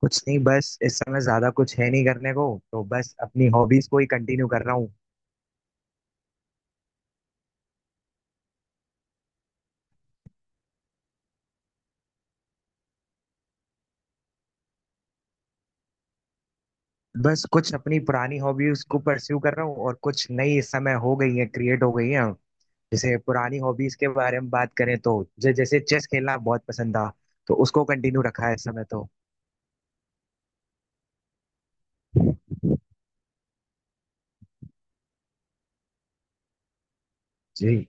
कुछ नहीं। बस इस समय ज्यादा कुछ है नहीं करने को। तो बस अपनी हॉबीज को ही कंटिन्यू कर रहा हूँ। बस कुछ अपनी पुरानी हॉबीज को परस्यू कर रहा हूँ और कुछ नई इस समय हो गई है, क्रिएट हो गई है। जैसे पुरानी हॉबीज के बारे में बात करें तो जैसे चेस खेलना बहुत पसंद था। तो उसको कंटिन्यू रखा है इस समय। तो जी,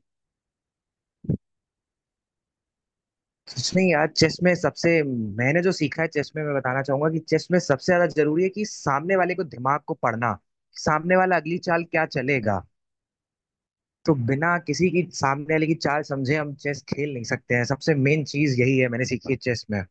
कुछ नहीं यार। चेस में सबसे मैंने जो सीखा है चेस में मैं बताना चाहूंगा कि चेस में सबसे ज्यादा जरूरी है कि सामने वाले को, दिमाग को पढ़ना। सामने वाला अगली चाल क्या चलेगा। तो बिना किसी की, सामने वाले की चाल समझे हम चेस खेल नहीं सकते हैं। सबसे मेन चीज यही है, मैंने सीखी है चेस में।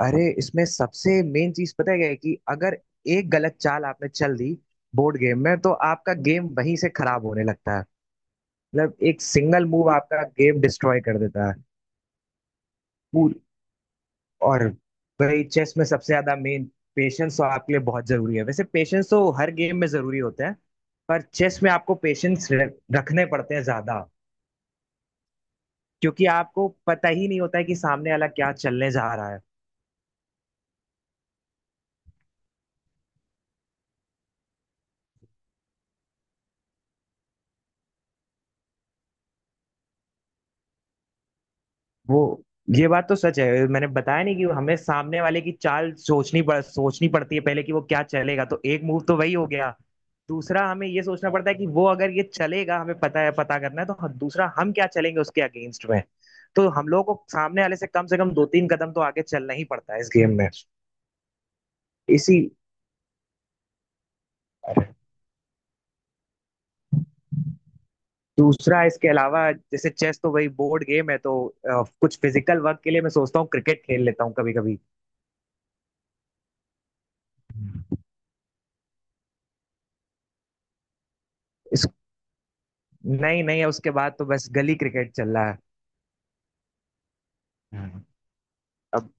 अरे इसमें सबसे मेन चीज पता है क्या है कि अगर एक गलत चाल आपने चल दी बोर्ड गेम में तो आपका गेम वहीं से खराब होने लगता है। मतलब एक सिंगल मूव आपका गेम डिस्ट्रॉय कर देता है। पूर- और वही चेस में सबसे ज्यादा मेन। पेशेंस तो आपके लिए बहुत जरूरी है। वैसे पेशेंस तो हर गेम में जरूरी होता है, पर चेस में आपको पेशेंस रखने पड़ते हैं ज्यादा। क्योंकि आपको पता ही नहीं होता है कि सामने वाला क्या चलने जा रहा है। वो, ये बात तो सच है, मैंने बताया नहीं कि हमें सामने वाले की चाल सोचनी पड़ती है पहले कि वो क्या चलेगा। तो एक मूव तो वही हो गया। दूसरा हमें ये सोचना पड़ता है कि वो अगर ये चलेगा, हमें पता है, पता करना है तो दूसरा हम क्या चलेंगे उसके अगेंस्ट में। तो हम लोगों को सामने वाले से कम दो तीन कदम तो आगे चलना ही पड़ता है इस गेम में। इसी दूसरा, इसके अलावा जैसे चेस तो वही बोर्ड गेम है। तो कुछ फिजिकल वर्क के लिए मैं सोचता हूँ क्रिकेट खेल लेता हूँ कभी कभी। इस नहीं नहीं, उसके बाद तो बस गली क्रिकेट चल रहा है। हाँ। अब।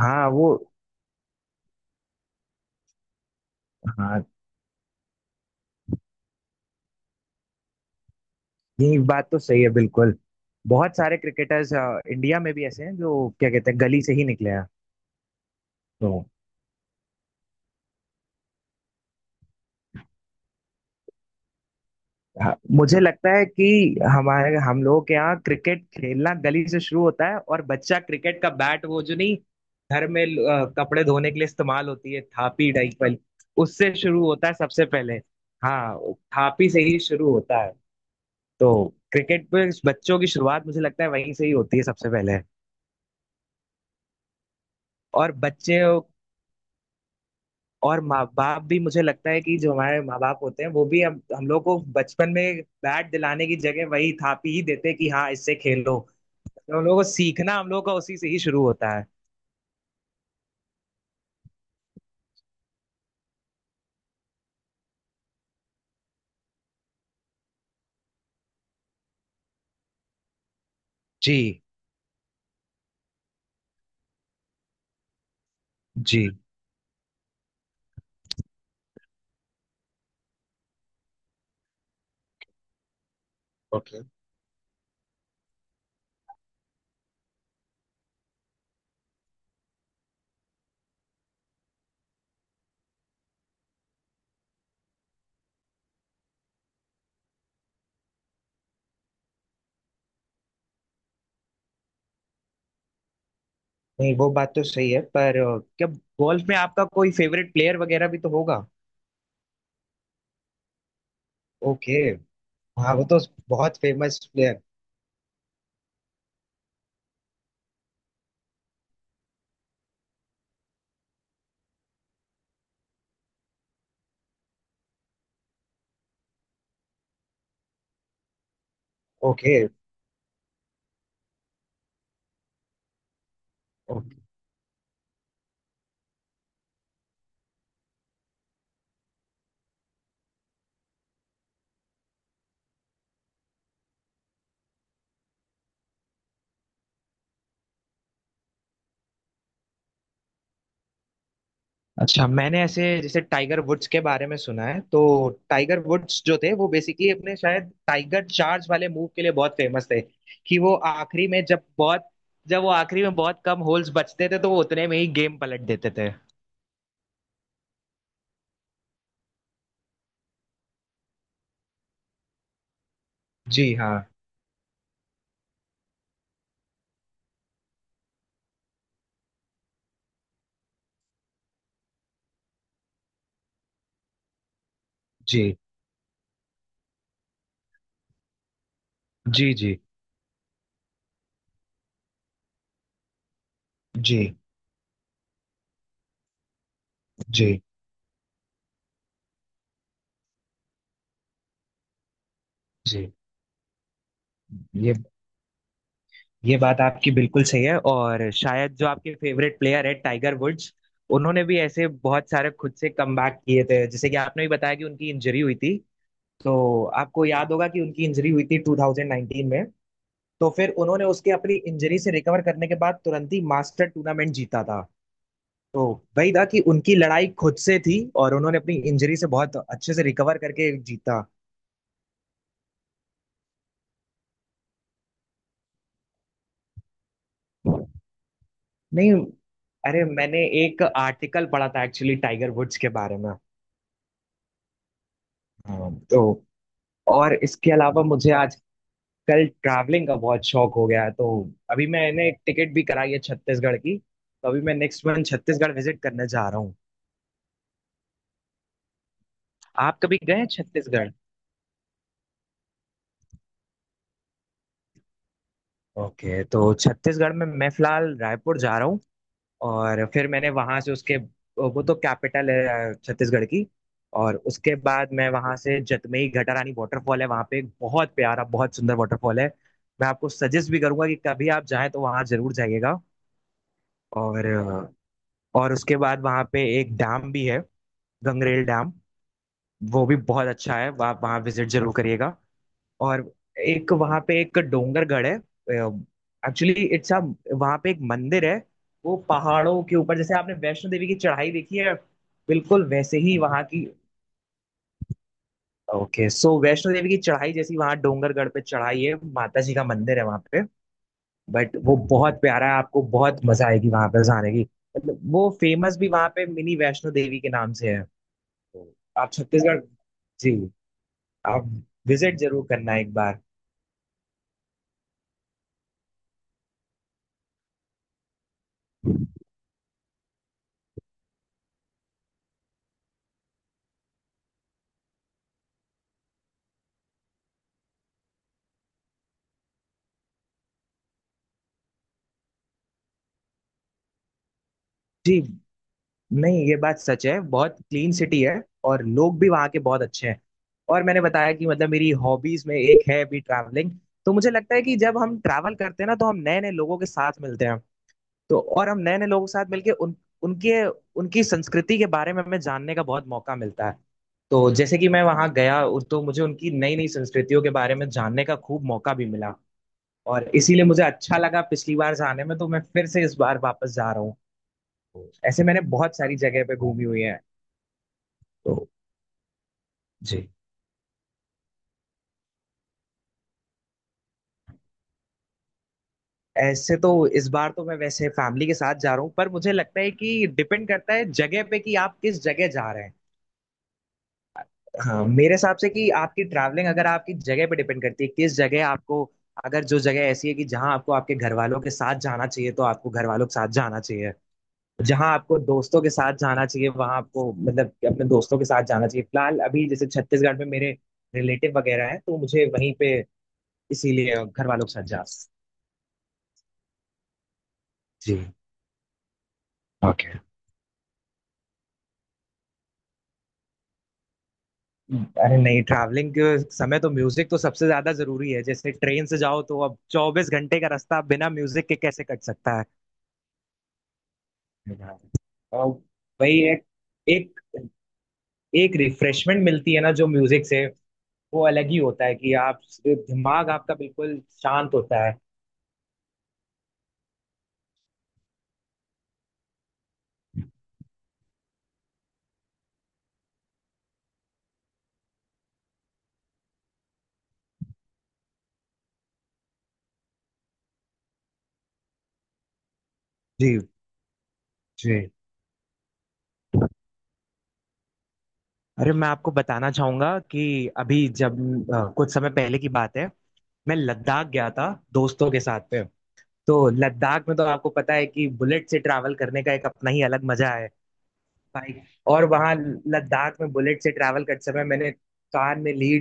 हाँ, वो। हाँ, ये बात तो सही है, बिल्कुल। बहुत सारे क्रिकेटर्स इंडिया में भी ऐसे हैं जो क्या कहते हैं, गली से ही निकले हैं। तो। हाँ, मुझे लगता है कि हमारे हम लोगों के यहाँ क्रिकेट खेलना गली से शुरू होता है। और बच्चा क्रिकेट का बैट, वो जो नहीं घर में कपड़े धोने के लिए इस्तेमाल होती है, थापी, डाइपल, उससे शुरू होता है सबसे पहले। हाँ, थापी से ही शुरू होता है। तो क्रिकेट पे बच्चों की शुरुआत मुझे लगता है वहीं से ही होती है सबसे पहले। और बच्चे। और माँ बाप भी मुझे लगता है कि जो हमारे माँ बाप होते हैं वो भी हम लोग को बचपन में बैट दिलाने की जगह वही थापी ही देते हैं कि हाँ, इससे खेलो। तो हम लोग का उसी से ही शुरू होता है। जी। जी, नहीं वो बात तो सही है, पर क्या गोल्फ में आपका कोई फेवरेट प्लेयर वगैरह भी तो होगा। ओके। हाँ, वो तो बहुत फेमस प्लेयर। ओके, अच्छा। मैंने ऐसे जैसे टाइगर वुड्स के बारे में सुना है। तो टाइगर वुड्स जो थे वो बेसिकली अपने शायद टाइगर चार्ज वाले मूव के लिए बहुत फेमस थे, कि वो आखिरी में जब वो आखिरी में बहुत कम होल्स बचते थे तो वो उतने में ही गेम पलट देते थे। जी हाँ। जी, जी, जी, जी, जी, जी। ये ये बात आपकी बिल्कुल सही है, और शायद जो आपके फेवरेट प्लेयर है टाइगर वुड्स, उन्होंने भी ऐसे बहुत सारे खुद से कमबैक किए थे, जैसे कि आपने भी बताया कि उनकी इंजरी हुई थी। तो आपको याद होगा कि उनकी इंजरी हुई थी 2019 में। तो फिर उन्होंने उसके, अपनी इंजरी से रिकवर करने के बाद तुरंत ही मास्टर टूर्नामेंट जीता था। तो वही था कि उनकी लड़ाई खुद से थी, और उन्होंने अपनी इंजरी से बहुत अच्छे से रिकवर करके जीता। नहीं, अरे मैंने एक आर्टिकल पढ़ा था एक्चुअली टाइगर वुड्स के बारे में। हाँ, तो और इसके अलावा मुझे आजकल ट्रैवलिंग का बहुत शौक हो गया है। तो अभी मैंने टिकट भी कराई है छत्तीसगढ़ की। तो अभी मैं नेक्स्ट मंथ छत्तीसगढ़ विजिट करने जा रहा। आप कभी गए हैं छत्तीसगढ़? ओके, तो छत्तीसगढ़ में मैं फिलहाल रायपुर जा रहा हूँ। और फिर मैंने वहां से, उसके, वो तो कैपिटल है छत्तीसगढ़ की। और उसके बाद मैं वहां से, जतमई घटारानी वाटरफॉल है, वहां पे एक बहुत प्यारा, बहुत सुंदर वाटरफॉल है। मैं आपको सजेस्ट भी करूंगा कि कभी आप जाएं तो वहां जरूर जाइएगा। और अ, और उसके बाद वहां पे एक डैम भी है। गंगरेल डैम। वो भी बहुत अच्छा है, आप वहां विजिट जरूर करिएगा। और एक वहां पे एक डोंगरगढ़ है। एक्चुअली इट्स अ, वहां पे एक मंदिर है। वो पहाड़ों के ऊपर, जैसे आपने वैष्णो देवी की चढ़ाई देखी है, बिल्कुल वैसे ही वहां की। ओके, सो वैष्णो देवी की चढ़ाई जैसी वहां डोंगरगढ़ पे चढ़ाई है, माता जी का मंदिर है वहां पे। बट वो बहुत प्यारा है, आपको बहुत मजा आएगी वहां पे जाने की। मतलब वो फेमस भी वहां पे मिनी वैष्णो देवी के नाम से है। तो आप छत्तीसगढ़। जी, आप विजिट जरूर करना एक बार। जी, नहीं ये बात सच है, बहुत क्लीन सिटी है। और लोग भी वहाँ के बहुत अच्छे हैं। और मैंने बताया कि, मतलब, मेरी हॉबीज में एक है भी ट्रैवलिंग। तो मुझे लगता है कि जब हम ट्रैवल करते हैं ना, तो हम नए नए लोगों के साथ मिलते हैं। तो और हम नए नए लोगों के साथ मिलके उन उनके उनकी संस्कृति के बारे में हमें जानने का बहुत मौका मिलता है। तो जैसे कि मैं वहाँ गया तो मुझे उनकी नई नई संस्कृतियों के बारे में जानने का खूब मौका भी मिला। और इसीलिए मुझे अच्छा लगा पिछली बार जाने में, तो मैं फिर से इस बार वापस जा रहा हूँ। ऐसे मैंने बहुत सारी जगह पे घूमी हुई है। तो। जी, ऐसे तो इस बार तो मैं वैसे फैमिली के साथ जा रहा हूँ, पर मुझे लगता है कि डिपेंड करता है जगह पे कि आप किस जगह जा रहे हैं। हाँ, मेरे हिसाब से कि आपकी ट्रैवलिंग अगर आपकी जगह पे डिपेंड करती है, किस जगह आपको। अगर जो जगह ऐसी है कि जहाँ आपको आपके घर वालों के साथ जाना चाहिए तो आपको घर वालों के साथ जाना चाहिए। जहाँ आपको दोस्तों के साथ जाना चाहिए, वहाँ आपको, मतलब, कि अपने दोस्तों के साथ जाना चाहिए। फिलहाल अभी जैसे छत्तीसगढ़ में मेरे रिलेटिव वगैरह हैं, तो मुझे वहीं पे, इसीलिए घर वालों के साथ जा। जी। ओके। अरे नहीं, ट्रैवलिंग के समय तो म्यूजिक तो सबसे ज्यादा जरूरी है। जैसे ट्रेन से जाओ, तो अब 24 घंटे का रास्ता बिना म्यूजिक के कैसे कट सकता है? और वही, एक एक एक रिफ्रेशमेंट मिलती है ना जो म्यूजिक से, वो अलग ही होता है, कि आप, दिमाग आपका बिल्कुल शांत होता है। जी, जी। अरे मैं आपको बताना चाहूंगा कि अभी जब, कुछ समय पहले की बात है, मैं लद्दाख गया था दोस्तों के साथ में। तो लद्दाख में तो आपको पता है कि बुलेट से ट्रैवल करने का एक अपना ही अलग मजा है, भाई। और वहाँ लद्दाख में बुलेट से ट्रैवल करते समय मैंने कान में लीड